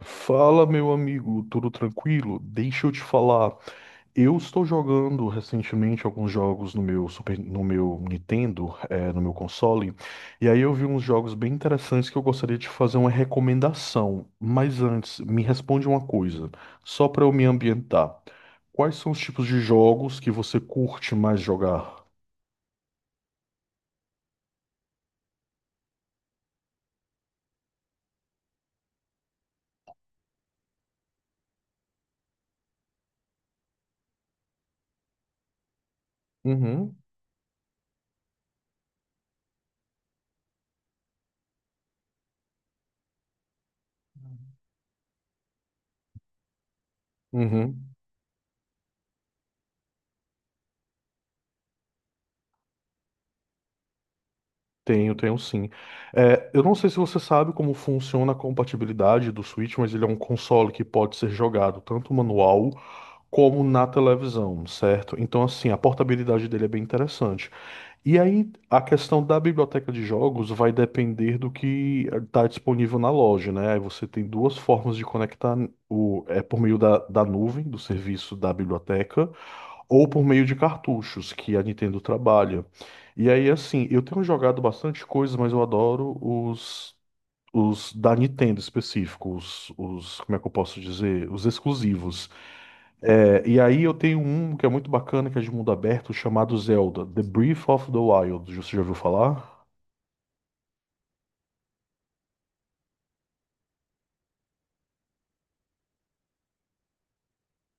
Fala, meu amigo, tudo tranquilo? Deixa eu te falar. Eu estou jogando recentemente alguns jogos no meu Super, no meu Nintendo, no meu console, e aí eu vi uns jogos bem interessantes que eu gostaria de fazer uma recomendação. Mas antes, me responde uma coisa, só para eu me ambientar. Quais são os tipos de jogos que você curte mais jogar? Uhum, uhum. Tenho sim. É, eu não sei se você sabe como funciona a compatibilidade do Switch, mas ele é um console que pode ser jogado tanto manual como na televisão, certo? Então, assim, a portabilidade dele é bem interessante. E aí, a questão da biblioteca de jogos vai depender do que está disponível na loja, né? Aí você tem duas formas de conectar o, é por meio da nuvem, do serviço da biblioteca, ou por meio de cartuchos que a Nintendo trabalha. E aí, assim, eu tenho jogado bastante coisa, mas eu adoro os da Nintendo específico, como é que eu posso dizer, os exclusivos. É, e aí eu tenho um que é muito bacana, que é de mundo aberto, chamado Zelda, The Breath of the Wild. Você já ouviu falar?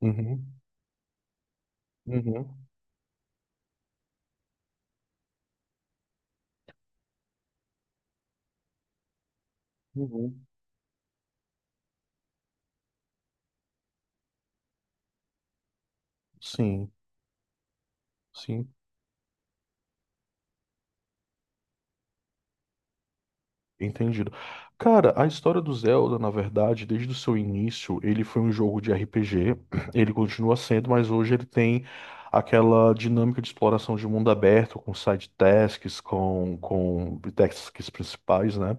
Uhum, uhum, uhum. Sim, sim. Entendido. Cara, a história do Zelda, na verdade, desde o seu início, ele foi um jogo de RPG, ele continua sendo, mas hoje ele tem aquela dinâmica de exploração de mundo aberto, com side tasks, com tasks principais, né?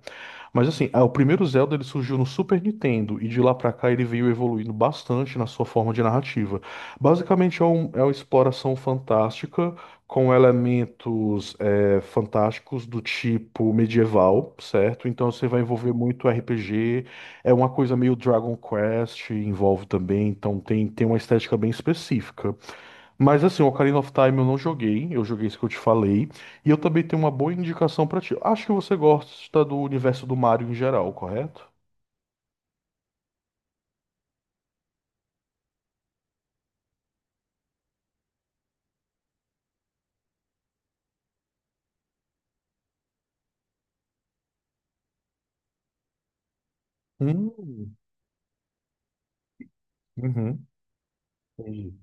Mas assim, o primeiro Zelda ele surgiu no Super Nintendo e de lá pra cá ele veio evoluindo bastante na sua forma de narrativa. Basicamente é, é uma exploração fantástica com elementos fantásticos do tipo medieval, certo? Então você vai envolver muito RPG, é uma coisa meio Dragon Quest, envolve também, então tem, tem uma estética bem específica. Mas assim, o Ocarina of Time eu não joguei, eu joguei isso que eu te falei. E eu também tenho uma boa indicação pra ti. Acho que você gosta do universo do Mario em geral, correto? Hum, uhum. Entendi.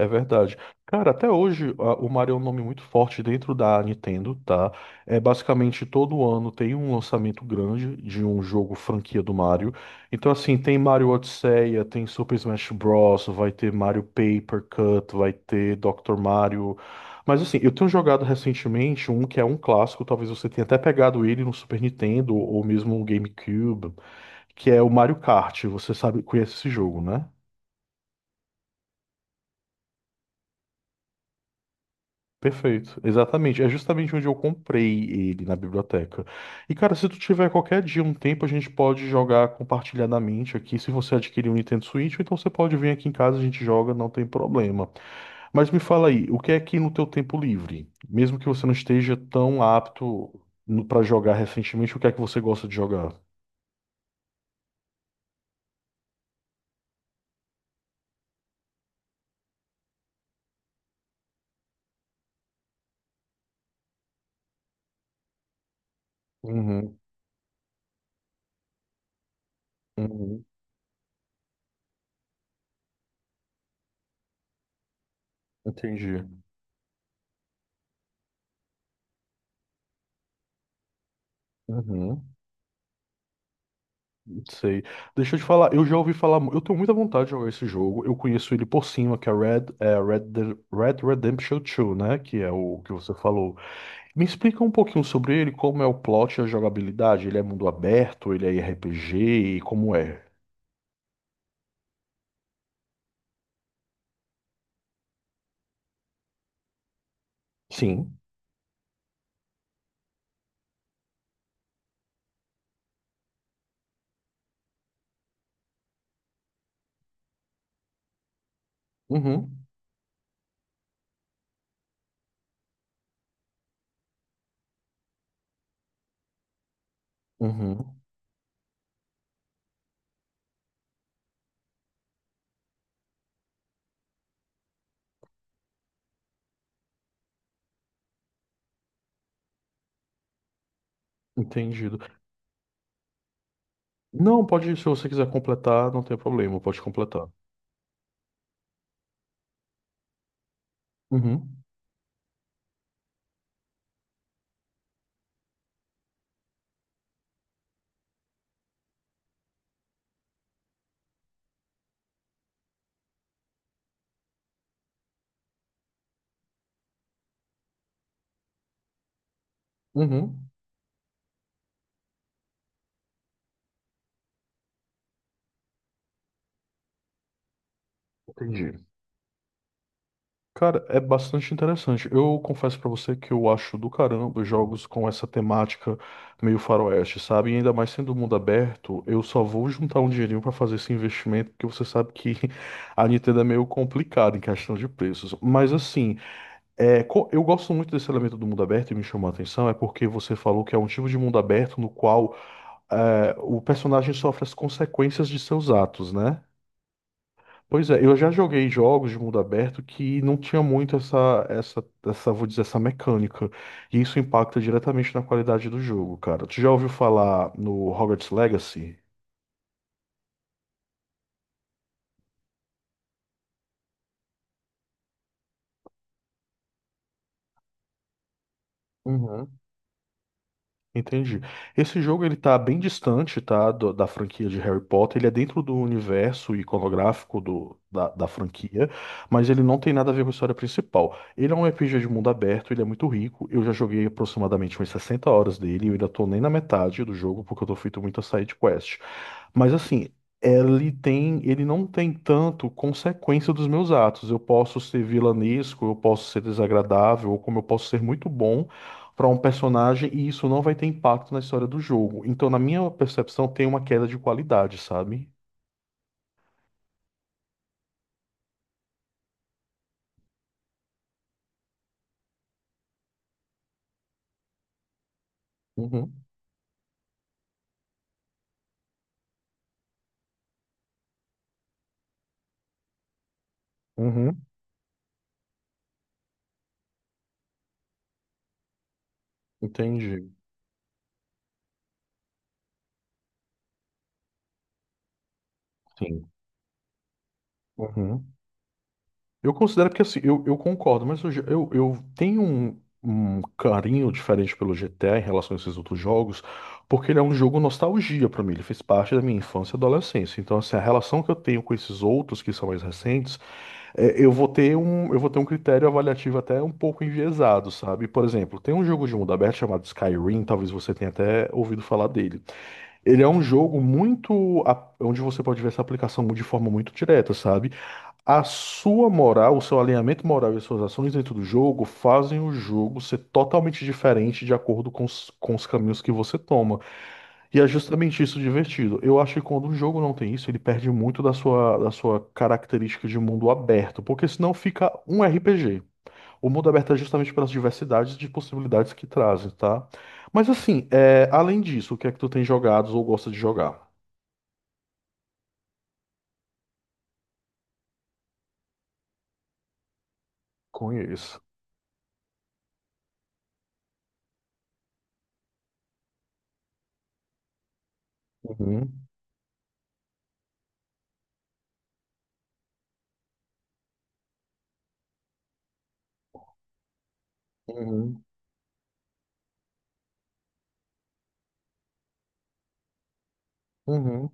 É verdade. Cara, até hoje o Mario é um nome muito forte dentro da Nintendo, tá? É basicamente todo ano tem um lançamento grande de um jogo franquia do Mario. Então assim, tem Mario Odisseia, tem Super Smash Bros, vai ter Mario Paper Cut, vai ter Dr. Mario. Mas assim, eu tenho jogado recentemente um que é um clássico, talvez você tenha até pegado ele no Super Nintendo ou mesmo no GameCube, que é o Mario Kart. Você sabe, conhece esse jogo, né? Perfeito, exatamente. É justamente onde eu comprei ele na biblioteca. E cara, se tu tiver qualquer dia um tempo, a gente pode jogar compartilhadamente aqui. Se você adquirir um Nintendo Switch, ou então você pode vir aqui em casa, a gente joga, não tem problema. Mas me fala aí, o que é que no teu tempo livre, mesmo que você não esteja tão apto pra jogar recentemente, o que é que você gosta de jogar? Uhum, uhum, entendi. Uhum. Sei. Deixa eu te falar, eu já ouvi falar, eu tenho muita vontade de jogar esse jogo. Eu conheço ele por cima, que é Red, Red Redemption 2, né? Que é o que você falou. Me explica um pouquinho sobre ele, como é o plot e a jogabilidade. Ele é mundo aberto, ele é RPG, e como é? Sim. Uhum. Uhum. Entendido. Não, pode, se você quiser completar, não tem problema, pode completar. Uhum. Uhum. Entendi. Cara, é bastante interessante. Eu confesso pra você que eu acho do caramba jogos com essa temática meio faroeste, sabe? E ainda mais sendo mundo aberto, eu só vou juntar um dinheirinho pra fazer esse investimento, porque você sabe que a Nintendo é meio complicada em questão de preços. Mas assim, é, eu gosto muito desse elemento do mundo aberto e me chamou a atenção é porque você falou que é um tipo de mundo aberto no qual é, o personagem sofre as consequências de seus atos, né? Pois é, eu já joguei jogos de mundo aberto que não tinha muito vou dizer, essa mecânica. E isso impacta diretamente na qualidade do jogo, cara. Tu já ouviu falar no Hogwarts Legacy? Uhum. Entendi. Esse jogo ele tá bem distante, tá, da franquia de Harry Potter. Ele é dentro do universo iconográfico do, da franquia, mas ele não tem nada a ver com a história principal. Ele é um RPG de mundo aberto, ele é muito rico. Eu já joguei aproximadamente umas 60 horas dele e eu ainda tô nem na metade do jogo porque eu tô feito muito a side quest. Mas assim, ele tem, ele não tem tanto consequência dos meus atos. Eu posso ser vilanesco, eu posso ser desagradável, ou como eu posso ser muito bom para um personagem e isso não vai ter impacto na história do jogo. Então, na minha percepção, tem uma queda de qualidade, sabe? Uhum, uhum, entendi. Sim. Uhum. Eu considero porque assim, eu concordo, mas eu, eu tenho um, um carinho diferente pelo GTA em relação a esses outros jogos, porque ele é um jogo nostalgia pra mim, ele fez parte da minha infância e adolescência. Então, assim, a relação que eu tenho com esses outros que são mais recentes, é, eu vou ter um critério avaliativo até um pouco enviesado, sabe? Por exemplo, tem um jogo de mundo aberto chamado Skyrim, talvez você tenha até ouvido falar dele. Ele é um jogo onde você pode ver essa aplicação de forma muito direta, sabe? A sua moral, o seu alinhamento moral e as suas ações dentro do jogo fazem o jogo ser totalmente diferente de acordo com os caminhos que você toma. E é justamente isso divertido. Eu acho que quando um jogo não tem isso, ele perde muito da sua característica de mundo aberto, porque senão fica um RPG. O mundo aberto é justamente pelas diversidades de possibilidades que trazem, tá? Mas assim, é, além disso, o que é que tu tem jogado ou gosta de jogar? Conheço. Uhum, uhum, uhum.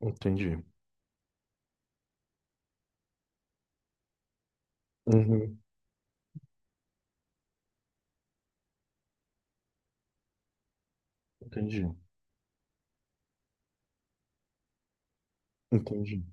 Entendi. Uhum. Entendi, entendi.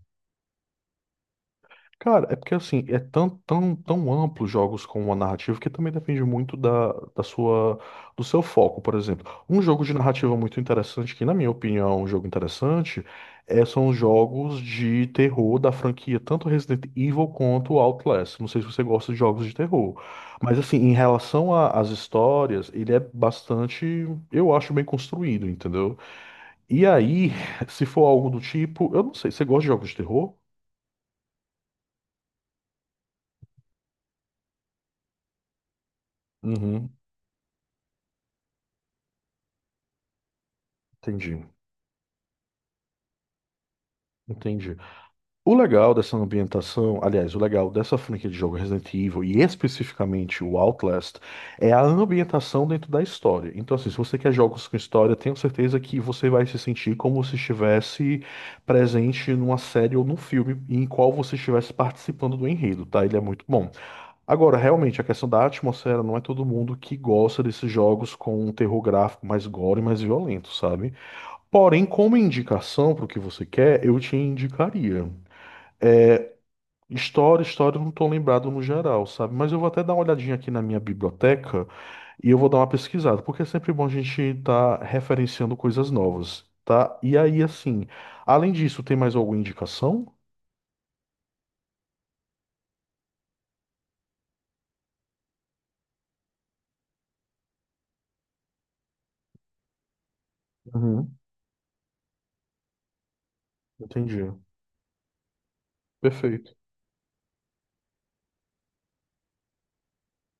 Cara, é porque assim, é tão, tão, tão amplo jogos com uma narrativa que também depende muito da sua, do seu foco, por exemplo. Um jogo de narrativa muito interessante, que na minha opinião é um jogo interessante, é, são os jogos de terror da franquia, tanto Resident Evil quanto Outlast. Não sei se você gosta de jogos de terror, mas assim, em relação às histórias, ele é bastante, eu acho, bem construído, entendeu? E aí, se for algo do tipo, eu não sei, você gosta de jogos de terror? Uhum, entendi, entendi. O legal dessa ambientação, aliás, o legal dessa franquia de jogo Resident Evil e especificamente o Outlast é a ambientação dentro da história. Então, assim, se você quer jogos com história, tenho certeza que você vai se sentir como se estivesse presente numa série ou num filme em qual você estivesse participando do enredo, tá? Ele é muito bom. Agora, realmente, a questão da atmosfera não é todo mundo que gosta desses jogos com um terror gráfico mais gore, mais violento, sabe? Porém, como indicação para o que você quer, eu te indicaria. História, história, eu não estou lembrado no geral, sabe? Mas eu vou até dar uma olhadinha aqui na minha biblioteca e eu vou dar uma pesquisada, porque é sempre bom a gente estar referenciando coisas novas, tá? E aí, assim, além disso, tem mais alguma indicação? Uhum, entendi. Perfeito.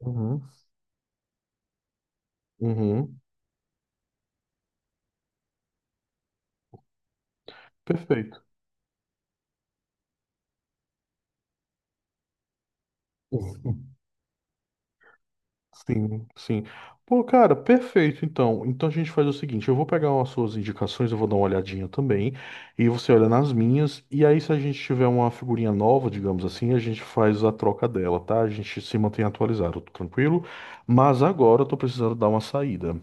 Uhum, uhum, perfeito. Sim, sim. Pô, cara, perfeito. Então, então a gente faz o seguinte: eu vou pegar umas suas indicações, eu vou dar uma olhadinha também, e você olha nas minhas. E aí, se a gente tiver uma figurinha nova, digamos assim, a gente faz a troca dela, tá? A gente se mantém atualizado, tranquilo. Mas agora eu tô precisando dar uma saída.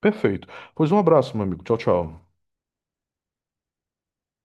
Perfeito. Pois um abraço, meu amigo. Tchau, tchau.